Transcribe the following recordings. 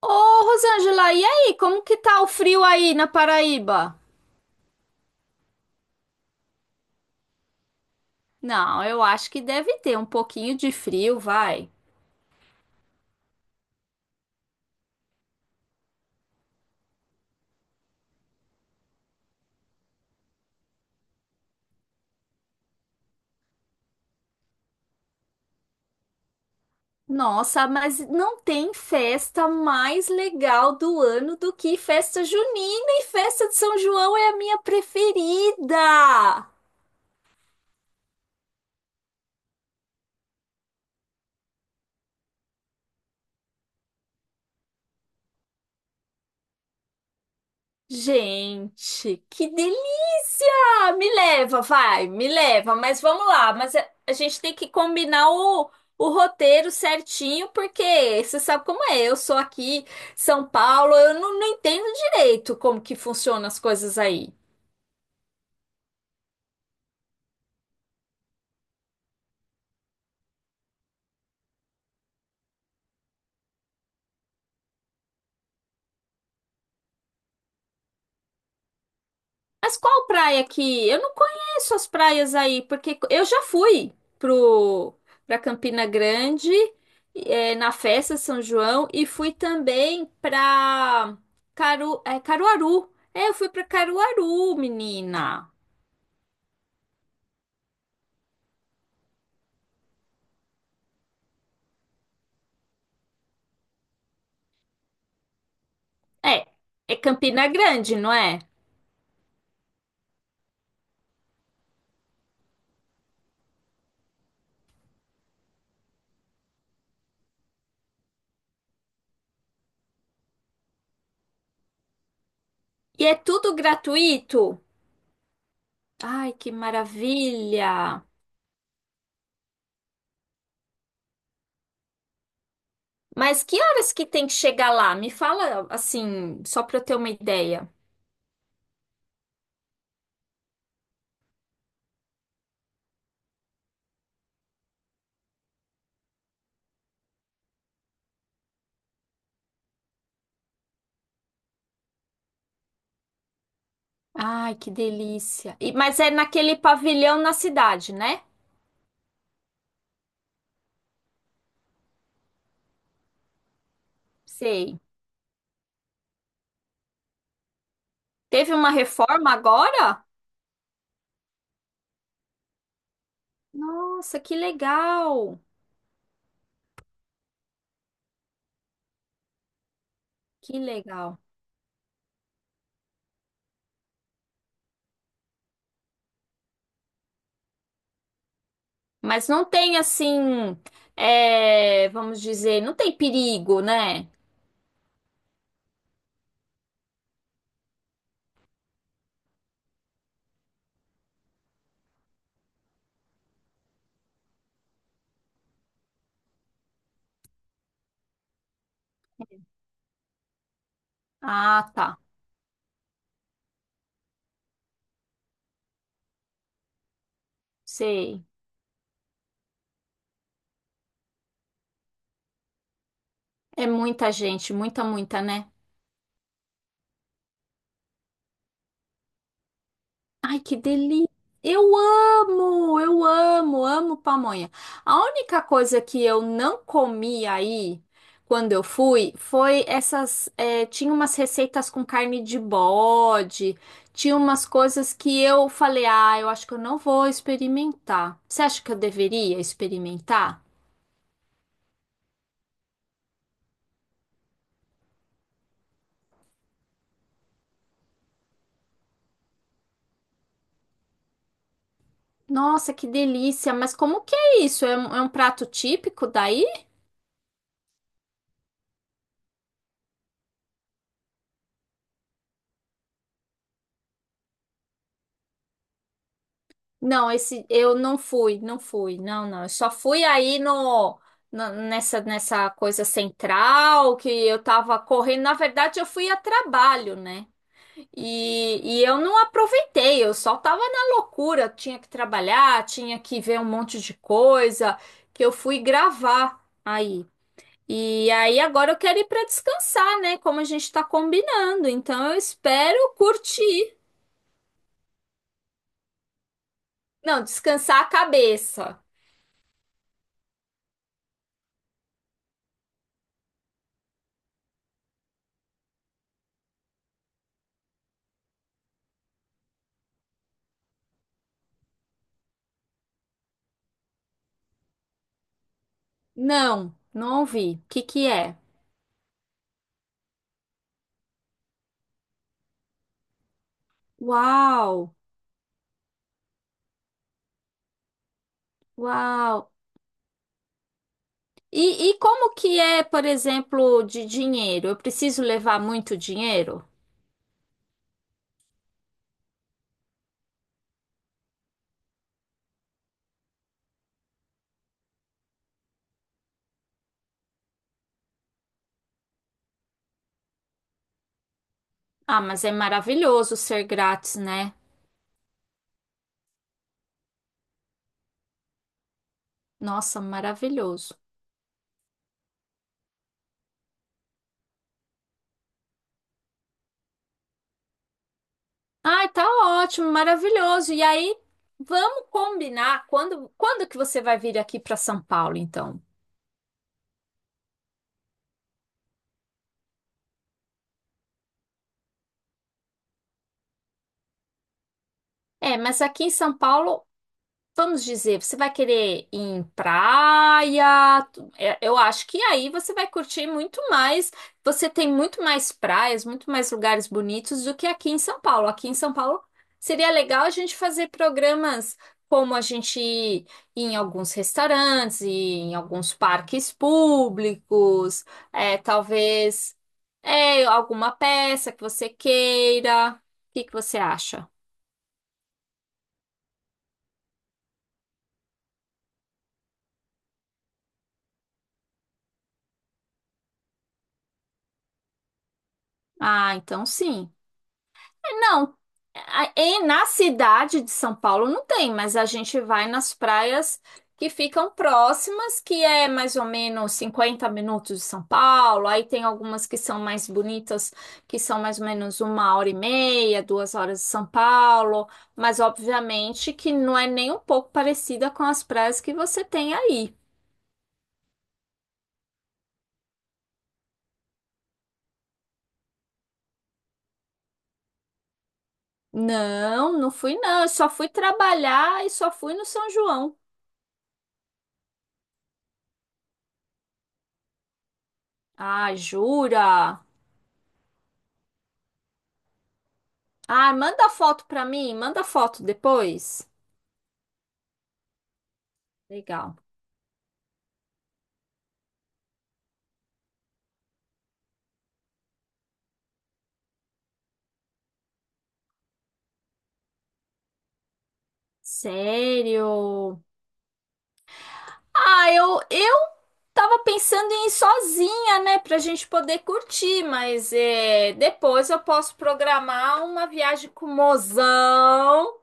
Ô, Rosângela, e aí, como que tá o frio aí na Paraíba? Não, eu acho que deve ter um pouquinho de frio, vai. Nossa, mas não tem festa mais legal do ano do que festa junina, e festa de São João é a minha preferida. Gente, que delícia! Me leva, vai, me leva, mas vamos lá. Mas a gente tem que combinar o roteiro certinho, porque você sabe como é. Eu sou aqui, São Paulo, eu não entendo direito como que funcionam as coisas aí. Mas qual praia que? Eu não conheço as praias aí, porque eu já fui pro para Campina Grande, na festa de São João, e fui também pra Caruaru. É, eu fui para Caruaru, menina. É, é Campina Grande, não é? E é tudo gratuito. Ai, que maravilha! Mas que horas que tem que chegar lá? Me fala assim, só para eu ter uma ideia. Ai, que delícia. Mas é naquele pavilhão na cidade, né? Sei. Teve uma reforma agora? Nossa, que legal. Que legal. Mas não tem assim, é, vamos dizer, não tem perigo, né? Ah, tá. Sei. É muita gente, muita, muita, né? Ai, que delícia! Eu amo, amo pamonha. A única coisa que eu não comi aí, quando eu fui, foi essas. Tinha umas receitas com carne de bode, tinha umas coisas que eu falei, ah, eu acho que eu não vou experimentar. Você acha que eu deveria experimentar? Nossa, que delícia! Mas como que é isso? É um prato típico daí? Não, esse eu não fui, não fui, não, não. Eu só fui aí no, nessa coisa central que eu tava correndo. Na verdade, eu fui a trabalho, né? E eu não aproveitei. Eu só tava na loucura. Tinha que trabalhar, tinha que ver um monte de coisa que eu fui gravar aí. E aí agora eu quero ir para descansar, né? Como a gente tá combinando. Então eu espero curtir. Não, descansar a cabeça. Não, não ouvi. O que que é? Uau, uau. E como que é, por exemplo, de dinheiro? Eu preciso levar muito dinheiro? Ah, mas é maravilhoso ser grátis, né? Nossa, maravilhoso. Ai, tá ótimo, maravilhoso. E aí, vamos combinar quando, quando que você vai vir aqui para São Paulo, então? É, mas aqui em São Paulo, vamos dizer, você vai querer ir em praia? Eu acho que aí você vai curtir muito mais. Você tem muito mais praias, muito mais lugares bonitos do que aqui em São Paulo. Aqui em São Paulo seria legal a gente fazer programas, como a gente ir em alguns restaurantes, ir em alguns parques públicos, é, talvez é, alguma peça que você queira. O que que você acha? Ah, então sim. Não, na cidade de São Paulo não tem, mas a gente vai nas praias que ficam próximas, que é mais ou menos 50 minutos de São Paulo. Aí tem algumas que são mais bonitas, que são mais ou menos 1 hora e meia, 2 horas de São Paulo. Mas obviamente que não é nem um pouco parecida com as praias que você tem aí. Não, não fui, não. Eu só fui trabalhar, e só fui no São João. Ah, jura? Ah, manda foto pra mim, manda foto depois. Legal. Sério? Ah, eu tava pensando em ir sozinha, né, pra gente poder curtir, mas é, depois eu posso programar uma viagem com o mozão,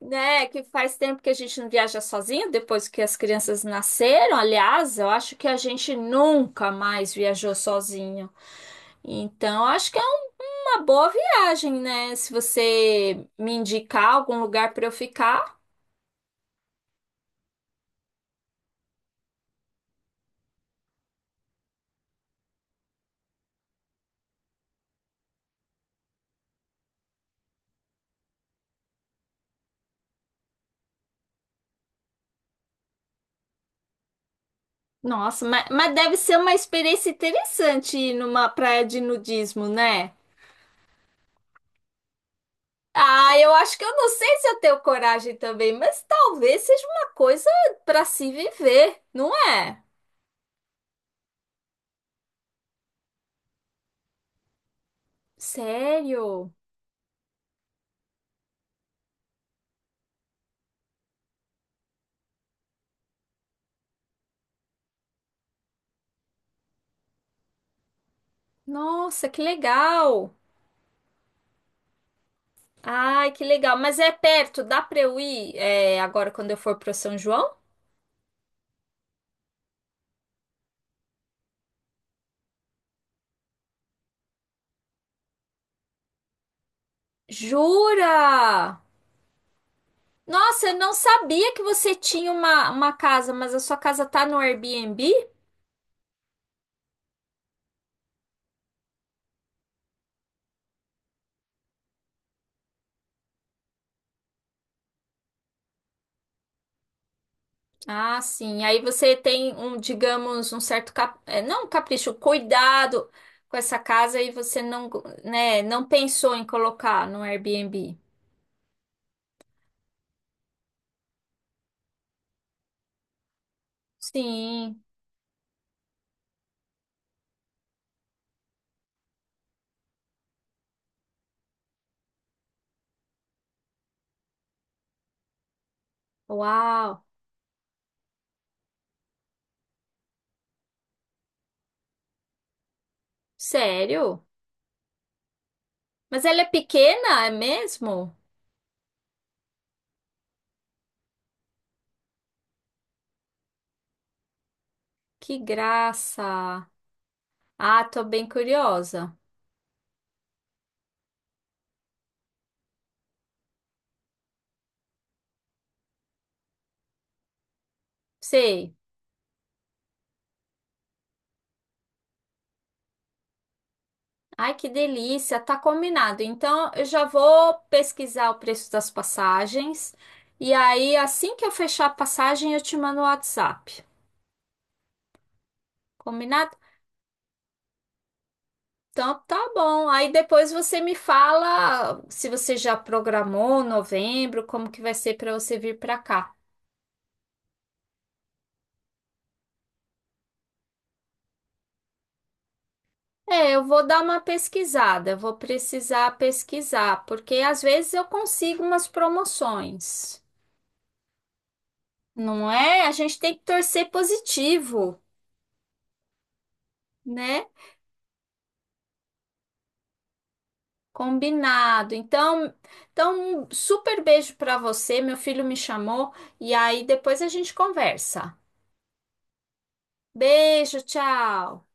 né, que faz tempo que a gente não viaja sozinho, depois que as crianças nasceram. Aliás, eu acho que a gente nunca mais viajou sozinho. Então, acho que uma boa viagem, né? Se você me indicar algum lugar para eu ficar. Nossa, mas deve ser uma experiência interessante ir numa praia de nudismo, né? Ah, eu acho que eu não sei se eu tenho coragem também, mas talvez seja uma coisa para se viver, não é? Sério? Nossa, que legal! Ai, que legal! Mas é perto, dá para eu ir, é, agora quando eu for para São João? Jura? Nossa, eu não sabia que você tinha uma casa, mas a sua casa tá no Airbnb? Ah, sim. Aí você tem um, digamos, um certo é, não, um capricho, cuidado com essa casa e você não, né, não pensou em colocar no Airbnb. Sim. Uau. Sério? Mas ela é pequena, é mesmo? Que graça. Ah, tô bem curiosa. Sei. Ai, que delícia, tá combinado. Então, eu já vou pesquisar o preço das passagens, e aí assim que eu fechar a passagem eu te mando o WhatsApp. Combinado? Então, tá bom. Aí depois você me fala se você já programou novembro, como que vai ser para você vir para cá. É, eu vou dar uma pesquisada, eu vou precisar pesquisar, porque às vezes eu consigo umas promoções. Não é? A gente tem que torcer positivo, né? Combinado. Então, um super beijo para você. Meu filho me chamou, e aí depois a gente conversa. Beijo, tchau.